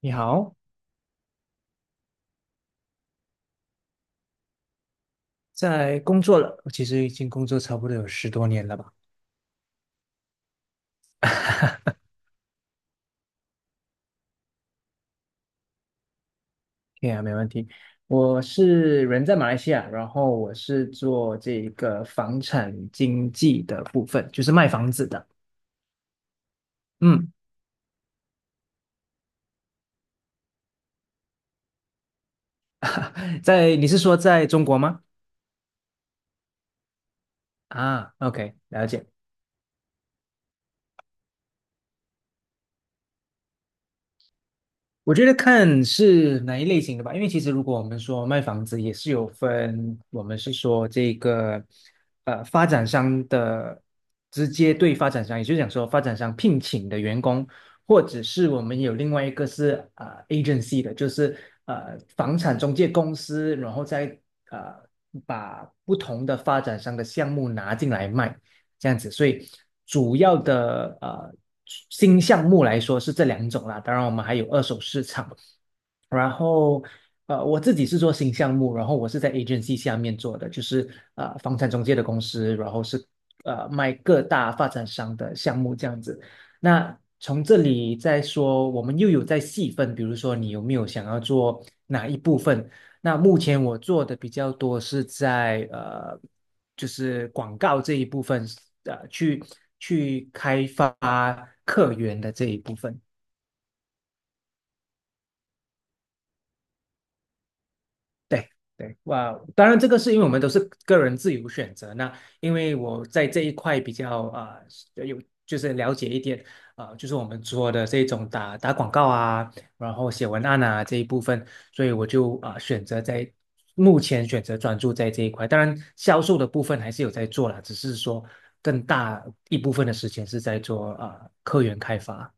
你好，在工作了，我其实已经工作差不多有十多年了吧？对啊，没问题。我是人在马来西亚，然后我是做这个房产经纪的部分，就是卖房子的。嗯，在你是说在中国吗？啊，OK，了解。我觉得看是哪一类型的吧，因为其实如果我们说卖房子，也是有分，我们是说这个发展商的,直接对发展商，也就是讲说发展商聘请的员工，或者是我们有另外一个是agency 的，就是房产中介公司，然后再呃把不同的发展商的项目拿进来卖。这样子，所以主要的新项目来说是这两种啦，当然我们还有二手市场，然后我自己是做新项目，然后我是在 agency 下面做的，就是房产中介的公司，然后是卖各大发展商的项目这样子。那从这里再说，我们又有在细分，比如说你有没有想要做哪一部分？那目前我做的比较多是在就是广告这一部分，呃，去开发客源的这一部分。对对，哇，当然这个是因为我们都是个人自由选择。那因为我在这一块比较有就是了解一点就是我们做的这种打广告啊，然后写文案啊这一部分，所以我就选择在目前选择专注在这一块。当然，销售的部分还是有在做啦，只是说更大一部分的时间是在做客源开发。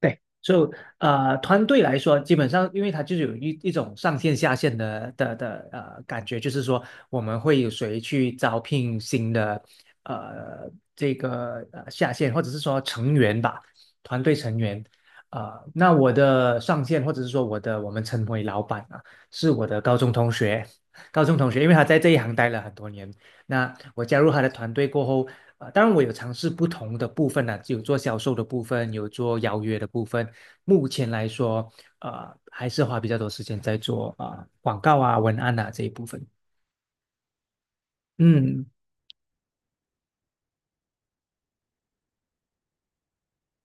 对，就、团队来说，基本上因为它就是有一种上线下线的感觉，就是说我们会有谁去招聘新的这个下线，或者是说成员吧，团队成员。呃，那我的上线或者是说我们称为老板啊，是我的高中同学，高中同学，因为他在这一行待了很多年，那我加入他的团队过后，呃，当然我有尝试不同的部分呢、有做销售的部分，有做邀约的部分。目前来说，呃，还是花比较多时间在做广告啊、文案啊这一部分。嗯，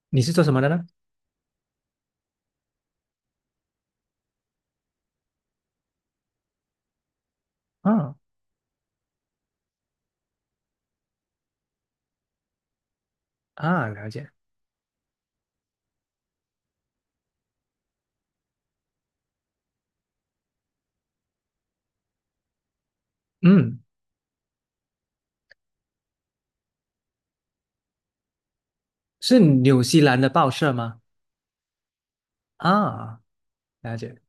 你是做什么的呢？啊啊，了解。嗯，是纽西兰的报社吗？啊，了解，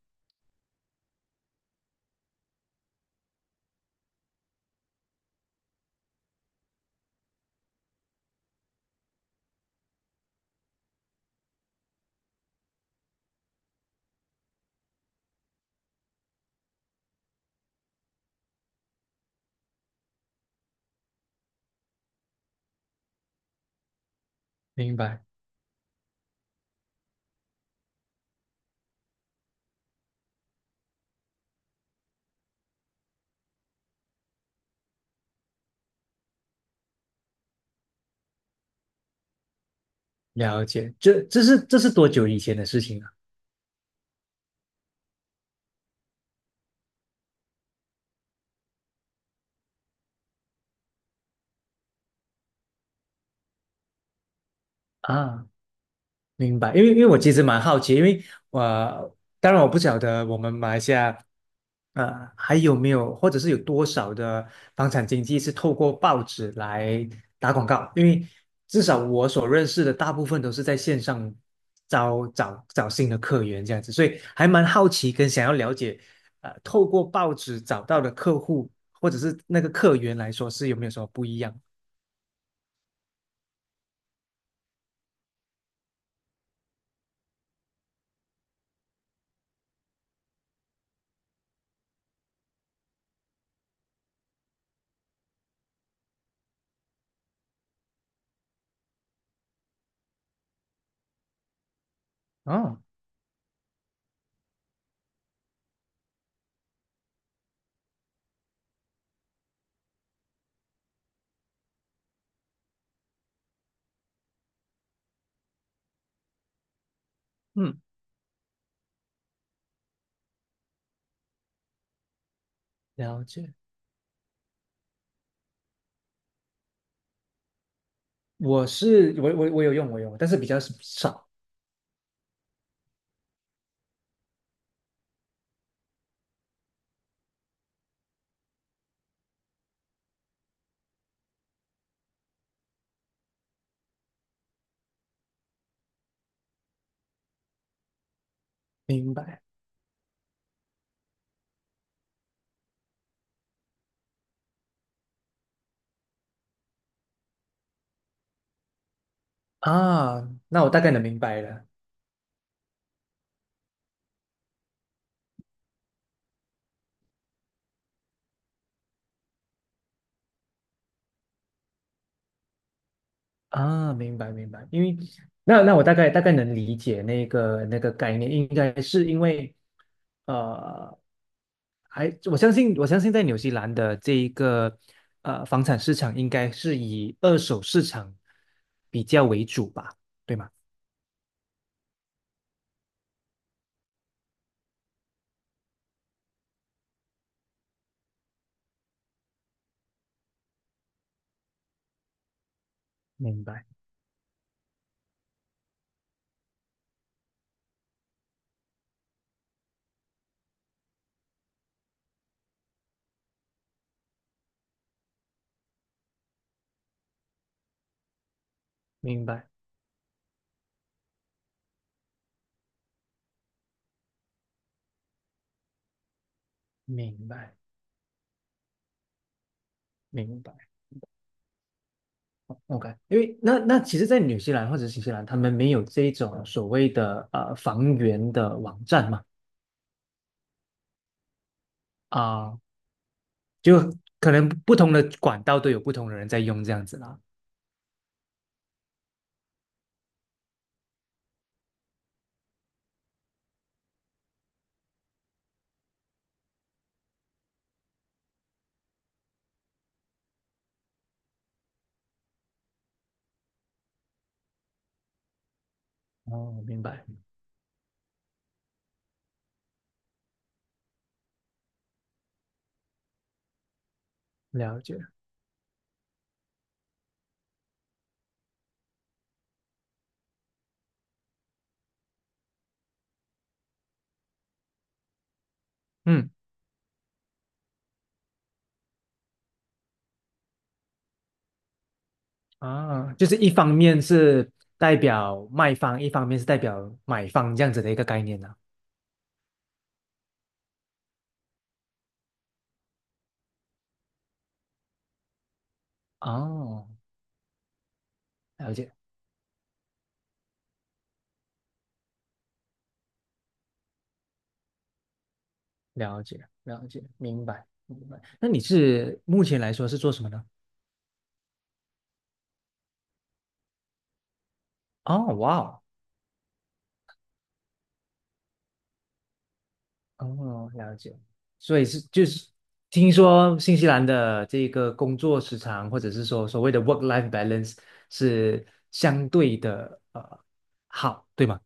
明白，了解。这这是多久以前的事情啊？啊明白，因为因为我其实蛮好奇，因为我、呃当然我不晓得我们马来西亚，呃，还有没有或者是有多少的房产经纪是透过报纸来打广告，因为至少我所认识的大部分都是在线上招找新的客源这样子，所以还蛮好奇跟想要了解，呃，透过报纸找到的客户或者是那个客源来说是有没有什么不一样？哦，嗯，了解。我是我有用，但是比较少。明白啊，那我大概能明白了啊，明白明白。因为那我大概能理解那个概念，应该是因为呃，还我相信在纽西兰的这一个房产市场应该是以二手市场比较为主吧，对吗？明白明白明白明白。OK，因为那那其实，在纽西兰或者新西兰，他们没有这种所谓的房源的网站嘛，啊、就可能不同的管道都有不同的人在用这样子啦。哦，明白，了解。嗯，啊，就是一方面是代表卖方，一方面是代表买方这样子的一个概念呢、哦，了解，了解，了解，明白，明白。那你是目前来说是做什么呢？哦，哇哦，哦，了解。所以是就是听说新西兰的这个工作时长，或者是说所谓的 work-life balance 是相对的好，对吗？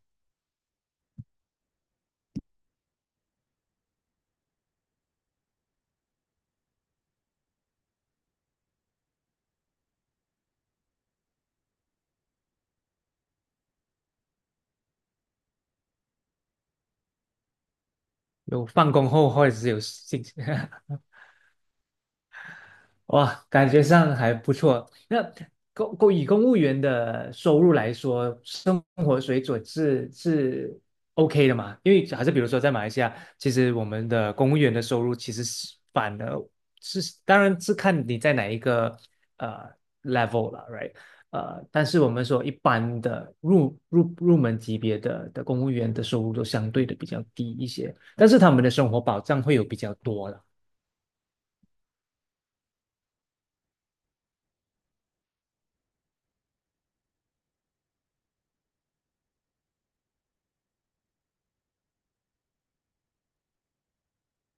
有放工后或者是有兴趣，哇，感觉上还不错。那以公务员的收入来说，生活水准是是 OK 的嘛？因为还是比如说在马来西亚，其实我们的公务员的收入其实是反而是，当然是看你在哪一个呃 level 了，right？呃，但是我们说一般的入门级别的公务员的收入都相对的比较低一些，但是他们的生活保障会有比较多了。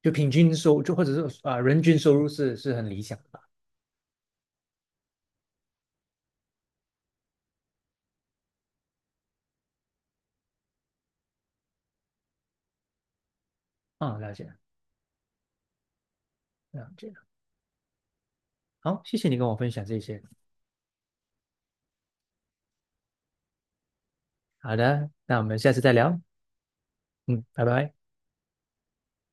就平均收就或者是人均收入是是很理想的吧？了解了解。好，谢谢你跟我分享这些。好的，那我们下次再聊。嗯，拜拜。